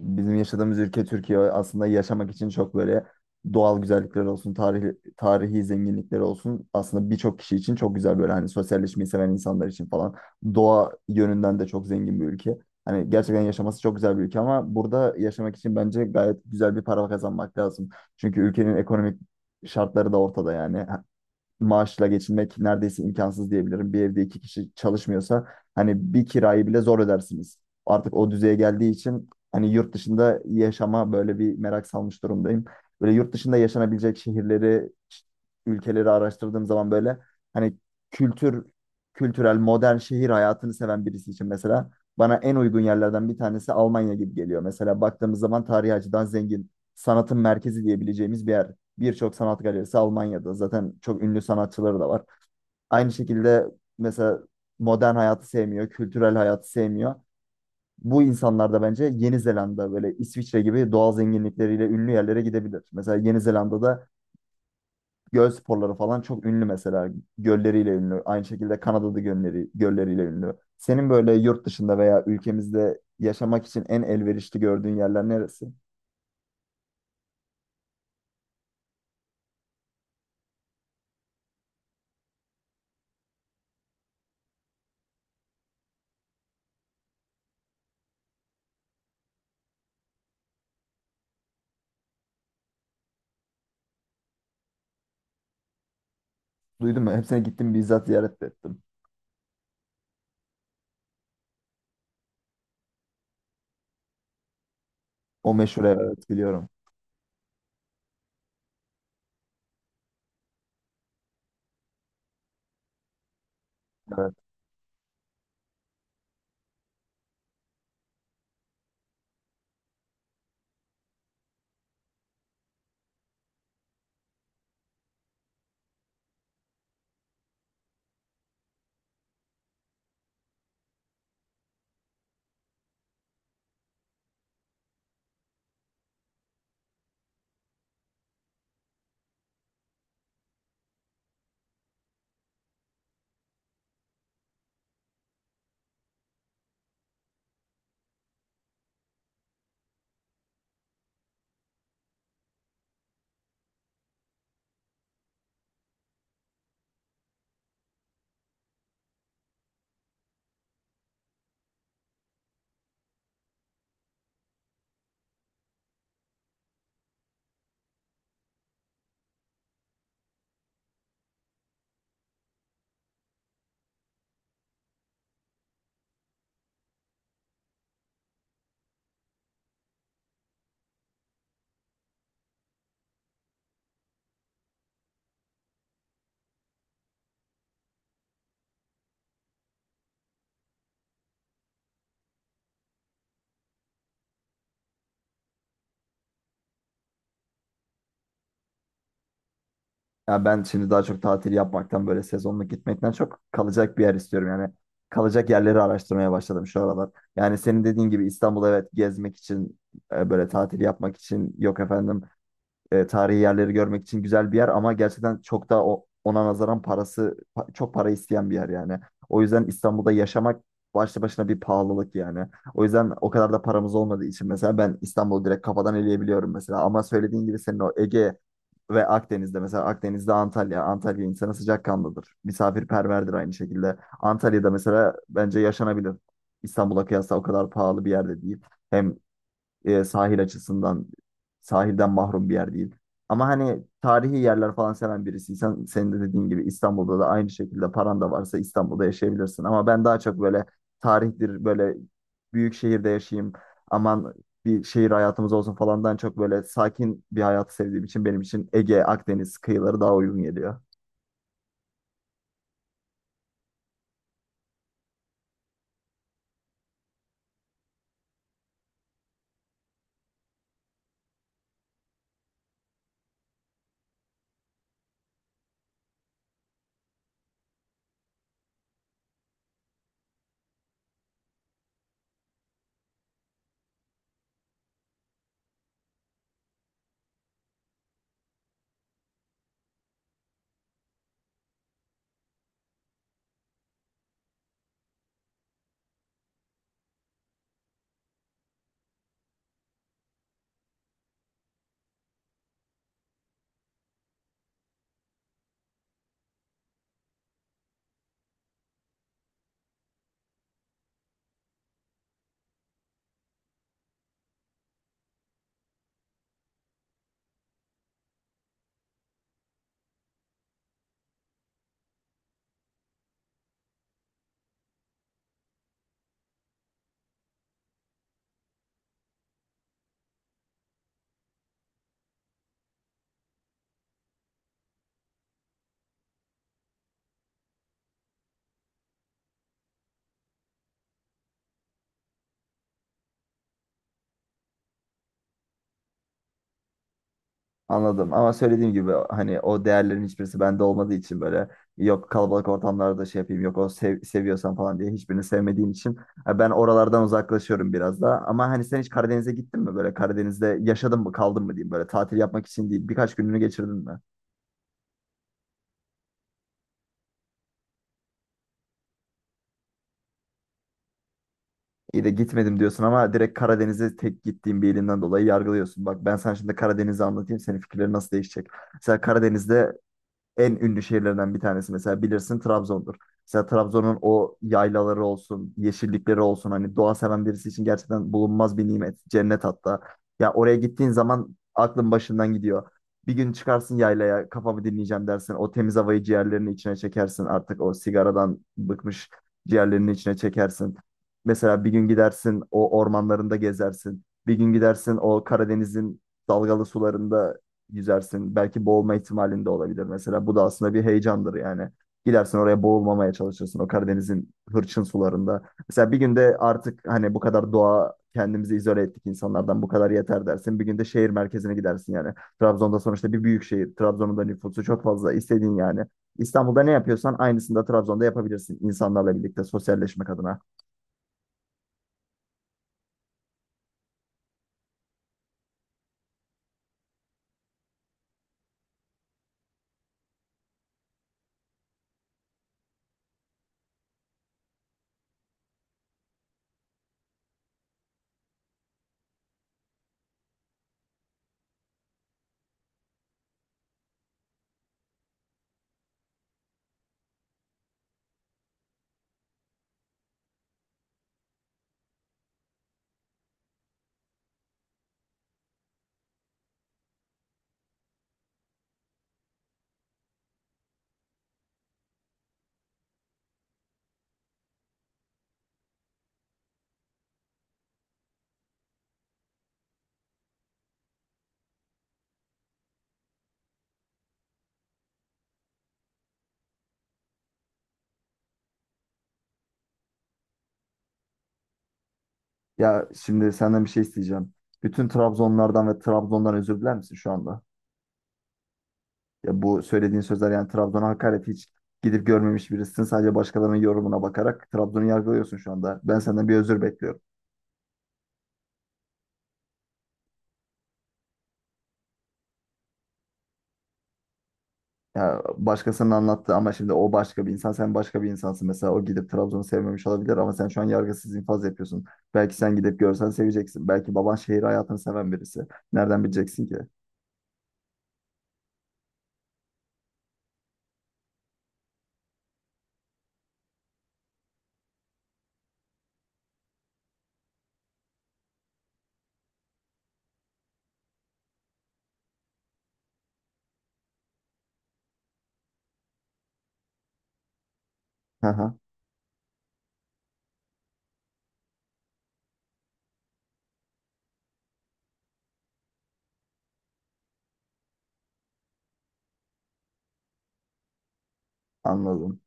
Bizim yaşadığımız ülke Türkiye aslında yaşamak için çok böyle doğal güzellikler olsun, tarihi, tarihi zenginlikler olsun. Aslında birçok kişi için çok güzel böyle hani sosyalleşmeyi seven insanlar için falan. Doğa yönünden de çok zengin bir ülke. Hani gerçekten yaşaması çok güzel bir ülke ama burada yaşamak için bence gayet güzel bir para kazanmak lazım. Çünkü ülkenin ekonomik şartları da ortada yani maaşla geçinmek neredeyse imkansız diyebilirim. Bir evde iki kişi çalışmıyorsa hani bir kirayı bile zor ödersiniz. Artık o düzeye geldiği için hani yurt dışında yaşama böyle bir merak salmış durumdayım. Böyle yurt dışında yaşanabilecek şehirleri, ülkeleri araştırdığım zaman böyle hani kültür, kültürel, modern şehir hayatını seven birisi için mesela bana en uygun yerlerden bir tanesi Almanya gibi geliyor. Mesela baktığımız zaman tarihi açıdan zengin, sanatın merkezi diyebileceğimiz bir yer, birçok sanat galerisi Almanya'da. Zaten çok ünlü sanatçıları da var. Aynı şekilde mesela modern hayatı sevmiyor, kültürel hayatı sevmiyor. Bu insanlar da bence Yeni Zelanda böyle İsviçre gibi doğal zenginlikleriyle ünlü yerlere gidebilir. Mesela Yeni Zelanda'da göl sporları falan çok ünlü mesela. Gölleriyle ünlü. Aynı şekilde Kanada'da gölleri, gölleriyle ünlü. Senin böyle yurt dışında veya ülkemizde yaşamak için en elverişli gördüğün yerler neresi? Duydum mu? Hepsine gittim, bizzat ziyaret de ettim. O meşhur, evet, biliyorum. Evet. Ya ben şimdi daha çok tatil yapmaktan böyle sezonluk gitmekten çok kalacak bir yer istiyorum. Yani kalacak yerleri araştırmaya başladım şu aralar. Yani senin dediğin gibi İstanbul evet gezmek için böyle tatil yapmak için, yok efendim, tarihi yerleri görmek için güzel bir yer ama gerçekten çok da o, ona nazaran parası çok para isteyen bir yer yani. O yüzden İstanbul'da yaşamak başlı başına bir pahalılık yani. O yüzden o kadar da paramız olmadığı için mesela ben İstanbul'u direkt kafadan eleyebiliyorum mesela. Ama söylediğin gibi senin o Ege ve Akdeniz'de, mesela Akdeniz'de Antalya. Antalya insanı sıcakkanlıdır. Misafirperverdir aynı şekilde. Antalya'da mesela bence yaşanabilir. İstanbul'a kıyasla o kadar pahalı bir yerde değil. Hem sahil açısından sahilden mahrum bir yer değil. Ama hani tarihi yerler falan seven birisiysen senin de dediğin gibi İstanbul'da da aynı şekilde paran da varsa İstanbul'da yaşayabilirsin. Ama ben daha çok böyle tarihtir böyle büyük şehirde yaşayayım aman bir şehir hayatımız olsun falandan çok böyle sakin bir hayatı sevdiğim için benim için Ege, Akdeniz kıyıları daha uygun geliyor. Anladım ama söylediğim gibi hani o değerlerin hiçbirisi bende olmadığı için böyle yok kalabalık ortamlarda şey yapayım yok o sev seviyorsan falan diye hiçbirini sevmediğim için ben oralardan uzaklaşıyorum biraz da. Ama hani sen hiç Karadeniz'e gittin mi, böyle Karadeniz'de yaşadın mı, kaldın mı diyeyim, böyle tatil yapmak için değil birkaç gününü geçirdin mi? İyi de gitmedim diyorsun ama direkt Karadeniz'e tek gittiğim bir ilinden dolayı yargılıyorsun. Bak ben sana şimdi Karadeniz'i anlatayım, senin fikirlerin nasıl değişecek. Mesela Karadeniz'de en ünlü şehirlerinden bir tanesi mesela bilirsin Trabzon'dur. Mesela Trabzon'un o yaylaları olsun, yeşillikleri olsun hani doğa seven birisi için gerçekten bulunmaz bir nimet, cennet hatta. Ya oraya gittiğin zaman aklın başından gidiyor. Bir gün çıkarsın yaylaya, kafamı dinleyeceğim dersin. O temiz havayı ciğerlerinin içine çekersin. Artık o sigaradan bıkmış ciğerlerinin içine çekersin. Mesela bir gün gidersin o ormanlarında gezersin. Bir gün gidersin o Karadeniz'in dalgalı sularında yüzersin. Belki boğulma ihtimalin de olabilir mesela. Bu da aslında bir heyecandır yani. Gidersin oraya, boğulmamaya çalışırsın o Karadeniz'in hırçın sularında. Mesela bir günde artık hani bu kadar doğa, kendimizi izole ettik insanlardan bu kadar yeter dersin. Bir günde şehir merkezine gidersin yani. Trabzon'da sonuçta bir büyük şehir. Trabzon'un da nüfusu çok fazla istediğin yani. İstanbul'da ne yapıyorsan aynısını da Trabzon'da yapabilirsin insanlarla birlikte sosyalleşmek adına. Ya şimdi senden bir şey isteyeceğim. Bütün Trabzonlardan ve Trabzon'dan özür diler misin şu anda? Ya bu söylediğin sözler yani Trabzon'a hakaret, hiç gidip görmemiş birisin. Sadece başkalarının yorumuna bakarak Trabzon'u yargılıyorsun şu anda. Ben senden bir özür bekliyorum. Ya başkasının anlattı ama şimdi o başka bir insan, sen başka bir insansın. Mesela o gidip Trabzon'u sevmemiş olabilir ama sen şu an yargısız infaz yapıyorsun. Belki sen gidip görsen seveceksin. Belki baban şehir hayatını seven birisi. Nereden bileceksin ki? Haha. Anladım.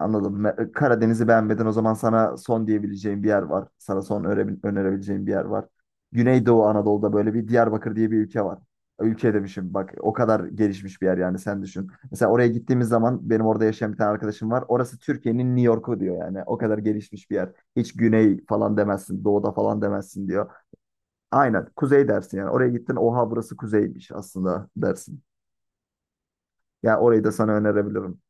Anladım. Karadeniz'i beğenmeden o zaman sana son diyebileceğim bir yer var. Sana son önerebileceğim bir yer var. Güneydoğu Anadolu'da böyle bir Diyarbakır diye bir ülke var. Ülke demişim bak, o kadar gelişmiş bir yer yani, sen düşün. Mesela oraya gittiğimiz zaman benim orada yaşayan bir tane arkadaşım var. Orası Türkiye'nin New York'u diyor yani. O kadar gelişmiş bir yer. Hiç güney falan demezsin, doğuda falan demezsin diyor. Aynen kuzey dersin yani. Oraya gittin oha burası kuzeymiş aslında dersin. Ya orayı da sana önerebilirim.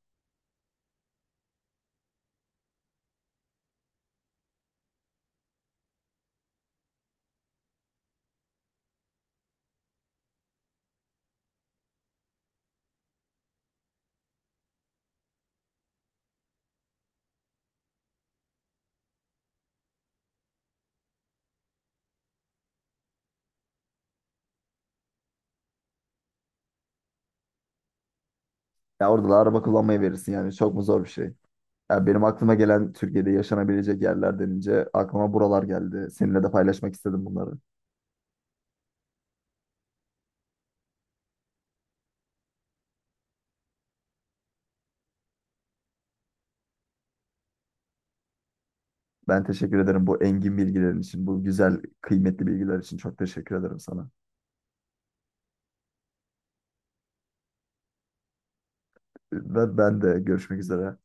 Ya orada da araba kullanmayı verirsin yani, çok mu zor bir şey? Ya benim aklıma gelen Türkiye'de yaşanabilecek yerler denince aklıma buralar geldi. Seninle de paylaşmak istedim bunları. Ben teşekkür ederim bu engin bilgilerin için, bu güzel, kıymetli bilgiler için çok teşekkür ederim sana. Ve ben de görüşmek üzere.